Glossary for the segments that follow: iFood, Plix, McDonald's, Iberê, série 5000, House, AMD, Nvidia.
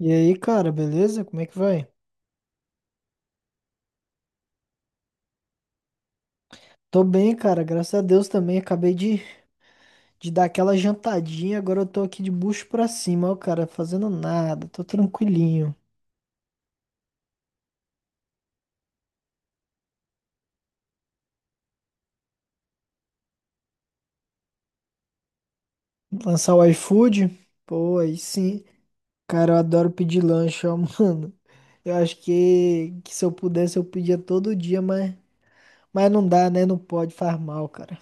E aí, cara, beleza? Como é que vai? Tô bem, cara, graças a Deus também. Acabei de dar aquela jantadinha, agora eu tô aqui de bucho pra cima, ó, cara, fazendo nada, tô tranquilinho. Lançar o iFood? Pô, aí sim. Cara, eu adoro pedir lanche, ó, mano. Eu acho que se eu pudesse eu pedia todo dia, mas não dá, né? Não pode, faz mal, cara.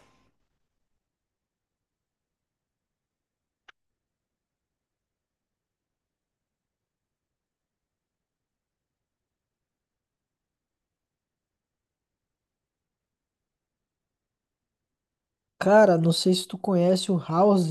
Cara, não sei se tu conhece o House.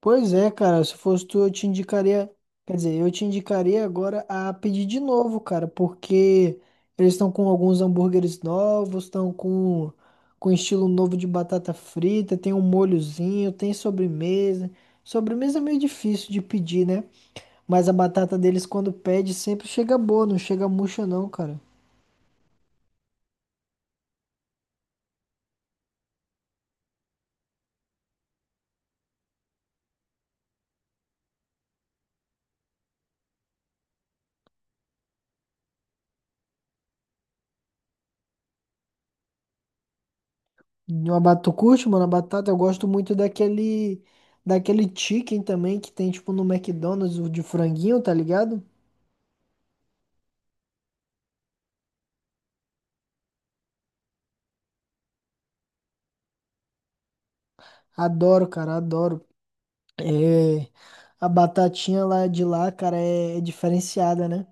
Pois é, cara, se fosse tu, eu te indicaria, quer dizer, eu te indicaria agora a pedir de novo, cara, porque eles estão com alguns hambúrgueres novos, estão com estilo novo de batata frita, tem um molhozinho, tem sobremesa. Sobremesa é meio difícil de pedir, né? Mas a batata deles quando pede sempre chega boa, não chega murcha não, cara. E uma batata, tu curte, mano, a batata, eu gosto muito daquele chicken também que tem tipo no McDonald's, o de franguinho, tá ligado? Adoro, cara, adoro. É, a batatinha lá de lá, cara, é diferenciada, né?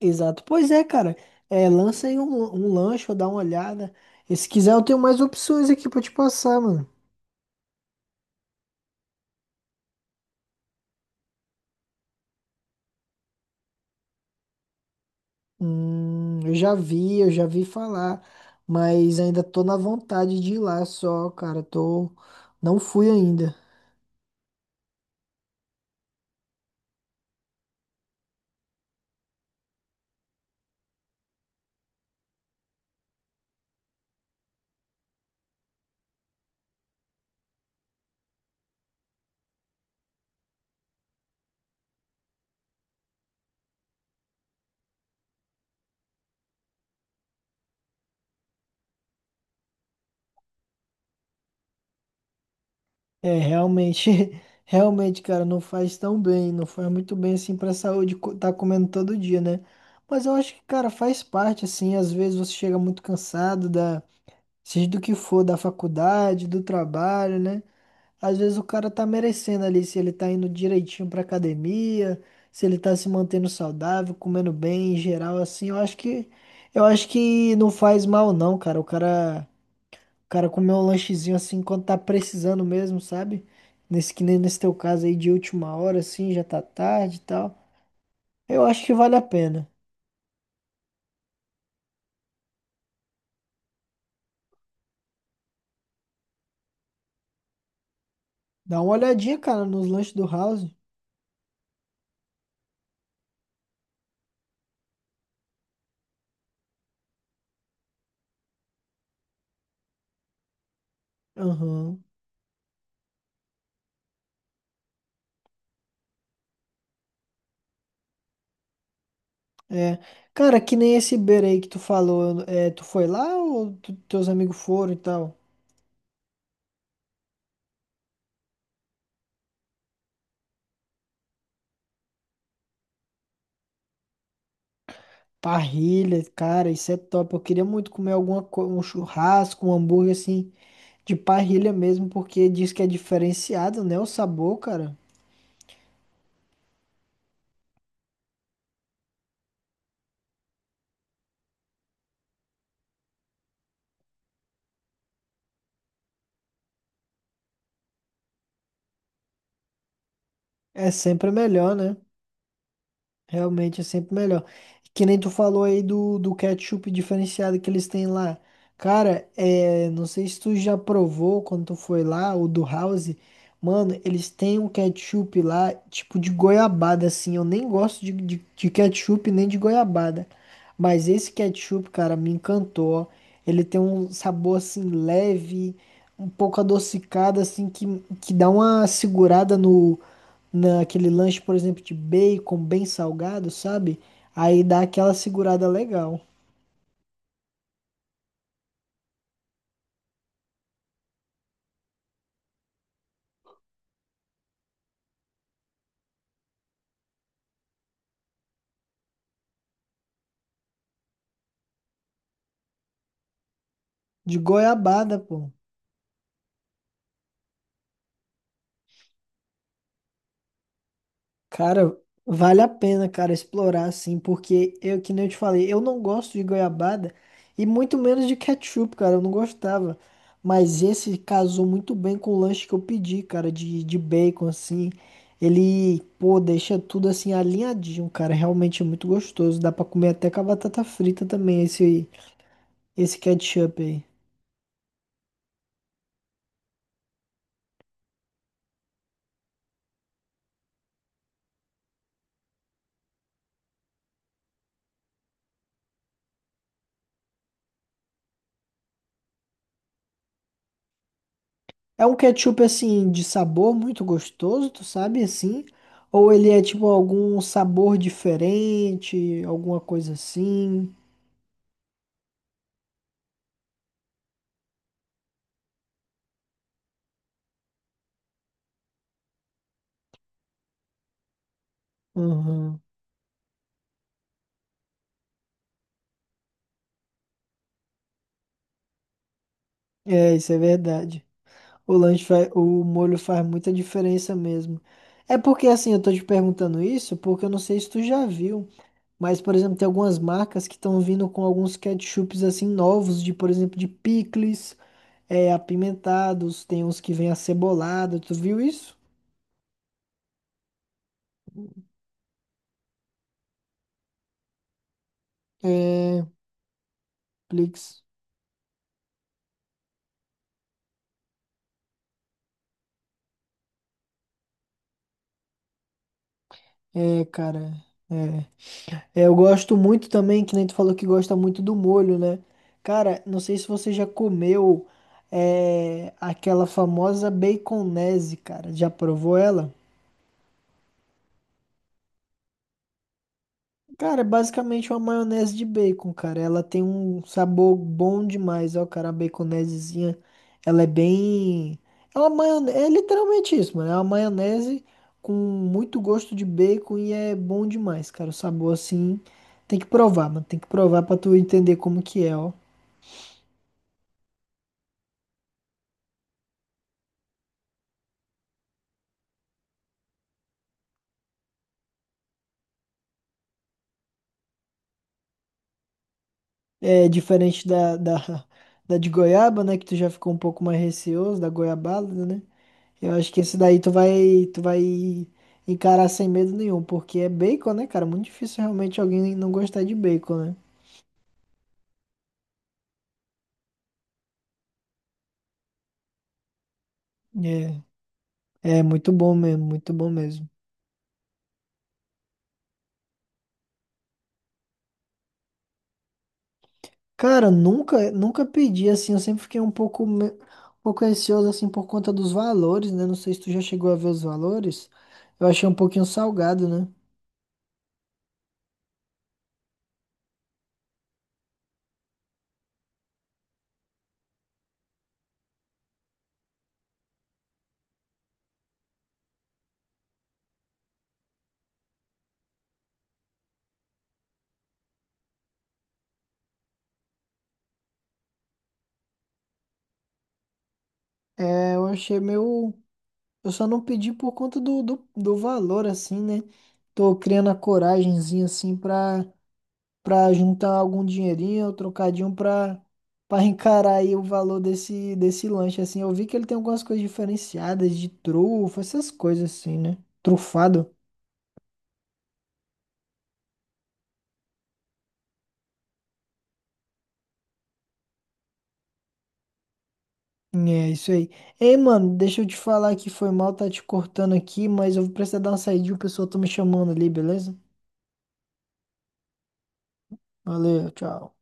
Exato. Pois é, cara. É, lança aí um lanche ou dá uma olhada. E se quiser, eu tenho mais opções aqui pra te passar, mano. Eu já vi falar, mas ainda tô na vontade de ir lá só, cara. Tô, não fui ainda. É, realmente, realmente, cara, não faz tão bem, não faz muito bem assim pra saúde co- tá comendo todo dia, né? Mas eu acho que, cara, faz parte, assim, às vezes você chega muito cansado seja do que for, da faculdade, do trabalho, né? Às vezes o cara tá merecendo ali, se ele tá indo direitinho pra academia, se ele tá se mantendo saudável, comendo bem em geral, assim, eu acho que não faz mal não, cara, o cara. Cara, comer um lanchezinho assim quando tá precisando mesmo, sabe? Nesse que nem nesse teu caso aí de última hora, assim, já tá tarde e tal. Eu acho que vale a pena. Dá uma olhadinha, cara, nos lanches do House. Aham. É. Cara, que nem esse Iberê aí que tu falou. É, tu foi lá ou tu- teus amigos foram e tal? Parrilha, cara, isso é top. Eu queria muito comer alguma co- um churrasco, um hambúrguer assim, de parrilha mesmo, porque diz que é diferenciado, né? O sabor, cara, é sempre melhor, né? Realmente é sempre melhor. Que nem tu falou aí do ketchup diferenciado que eles têm lá. Cara, é, não sei se tu já provou quando tu foi lá, o do House. Mano, eles têm um ketchup lá, tipo de goiabada, assim. Eu nem gosto de ketchup nem de goiabada. Mas esse ketchup, cara, me encantou, ó. Ele tem um sabor, assim, leve, um pouco adocicado, assim, que dá uma segurada no naquele lanche, por exemplo, de bacon bem salgado, sabe? Aí dá aquela segurada legal. De goiabada, pô. Cara, vale a pena, cara, explorar assim, porque eu, que nem eu te falei, eu não gosto de goiabada e muito menos de ketchup, cara, eu não gostava. Mas esse casou muito bem com o lanche que eu pedi, cara, de bacon, assim. Ele, pô, deixa tudo assim alinhadinho, cara. Realmente é muito gostoso. Dá pra comer até com a batata frita também, esse ketchup aí. É um ketchup assim de sabor muito gostoso, tu sabe assim? Ou ele é tipo algum sabor diferente, alguma coisa assim? Uhum. É, isso é verdade. O lanche faz, o molho faz muita diferença mesmo. É porque assim, eu tô te perguntando isso porque eu não sei se tu já viu, mas por exemplo, tem algumas marcas que estão vindo com alguns ketchups assim novos, de por exemplo, de picles, é, apimentados, tem uns que vêm acebolado, tu viu isso? É, Plix. É, cara, é. É, eu gosto muito também, que nem tu falou que gosta muito do molho, né? Cara, não sei se você já comeu aquela famosa baconese, cara. Já provou ela? Cara, é basicamente uma maionese de bacon, cara. Ela tem um sabor bom demais, ó, cara. A baconesezinha, ela é bem. Ela é uma maionese, é literalmente isso, mano. É uma maionese com muito gosto de bacon e é bom demais, cara. O sabor assim, tem que provar, mano. Tem que provar pra tu entender como que é, ó. É diferente da de goiaba, né? Que tu já ficou um pouco mais receoso, da goiabada, né? Eu acho que esse daí tu vai encarar sem medo nenhum, porque é bacon, né, cara? Muito difícil realmente alguém não gostar de bacon, né? É, é muito bom mesmo, muito bom mesmo. Cara, nunca pedi assim, eu sempre fiquei um pouco, me- um pouco ansioso assim por conta dos valores, né? Não sei se tu já chegou a ver os valores. Eu achei um pouquinho salgado, né? É, eu achei meio. Eu só não pedi por conta do valor, assim, né? Tô criando a coragemzinha, assim, pra pra juntar algum dinheirinho, pra encarar aí o valor desse lanche assim. Eu vi que ele tem algumas coisas diferenciadas de trufa, essas coisas assim, né? Trufado. É isso aí. Ei, mano, deixa eu te falar que foi mal tá te cortando aqui, mas eu vou precisar dar uma saidinha, o pessoal tá me chamando ali, beleza? Valeu, tchau.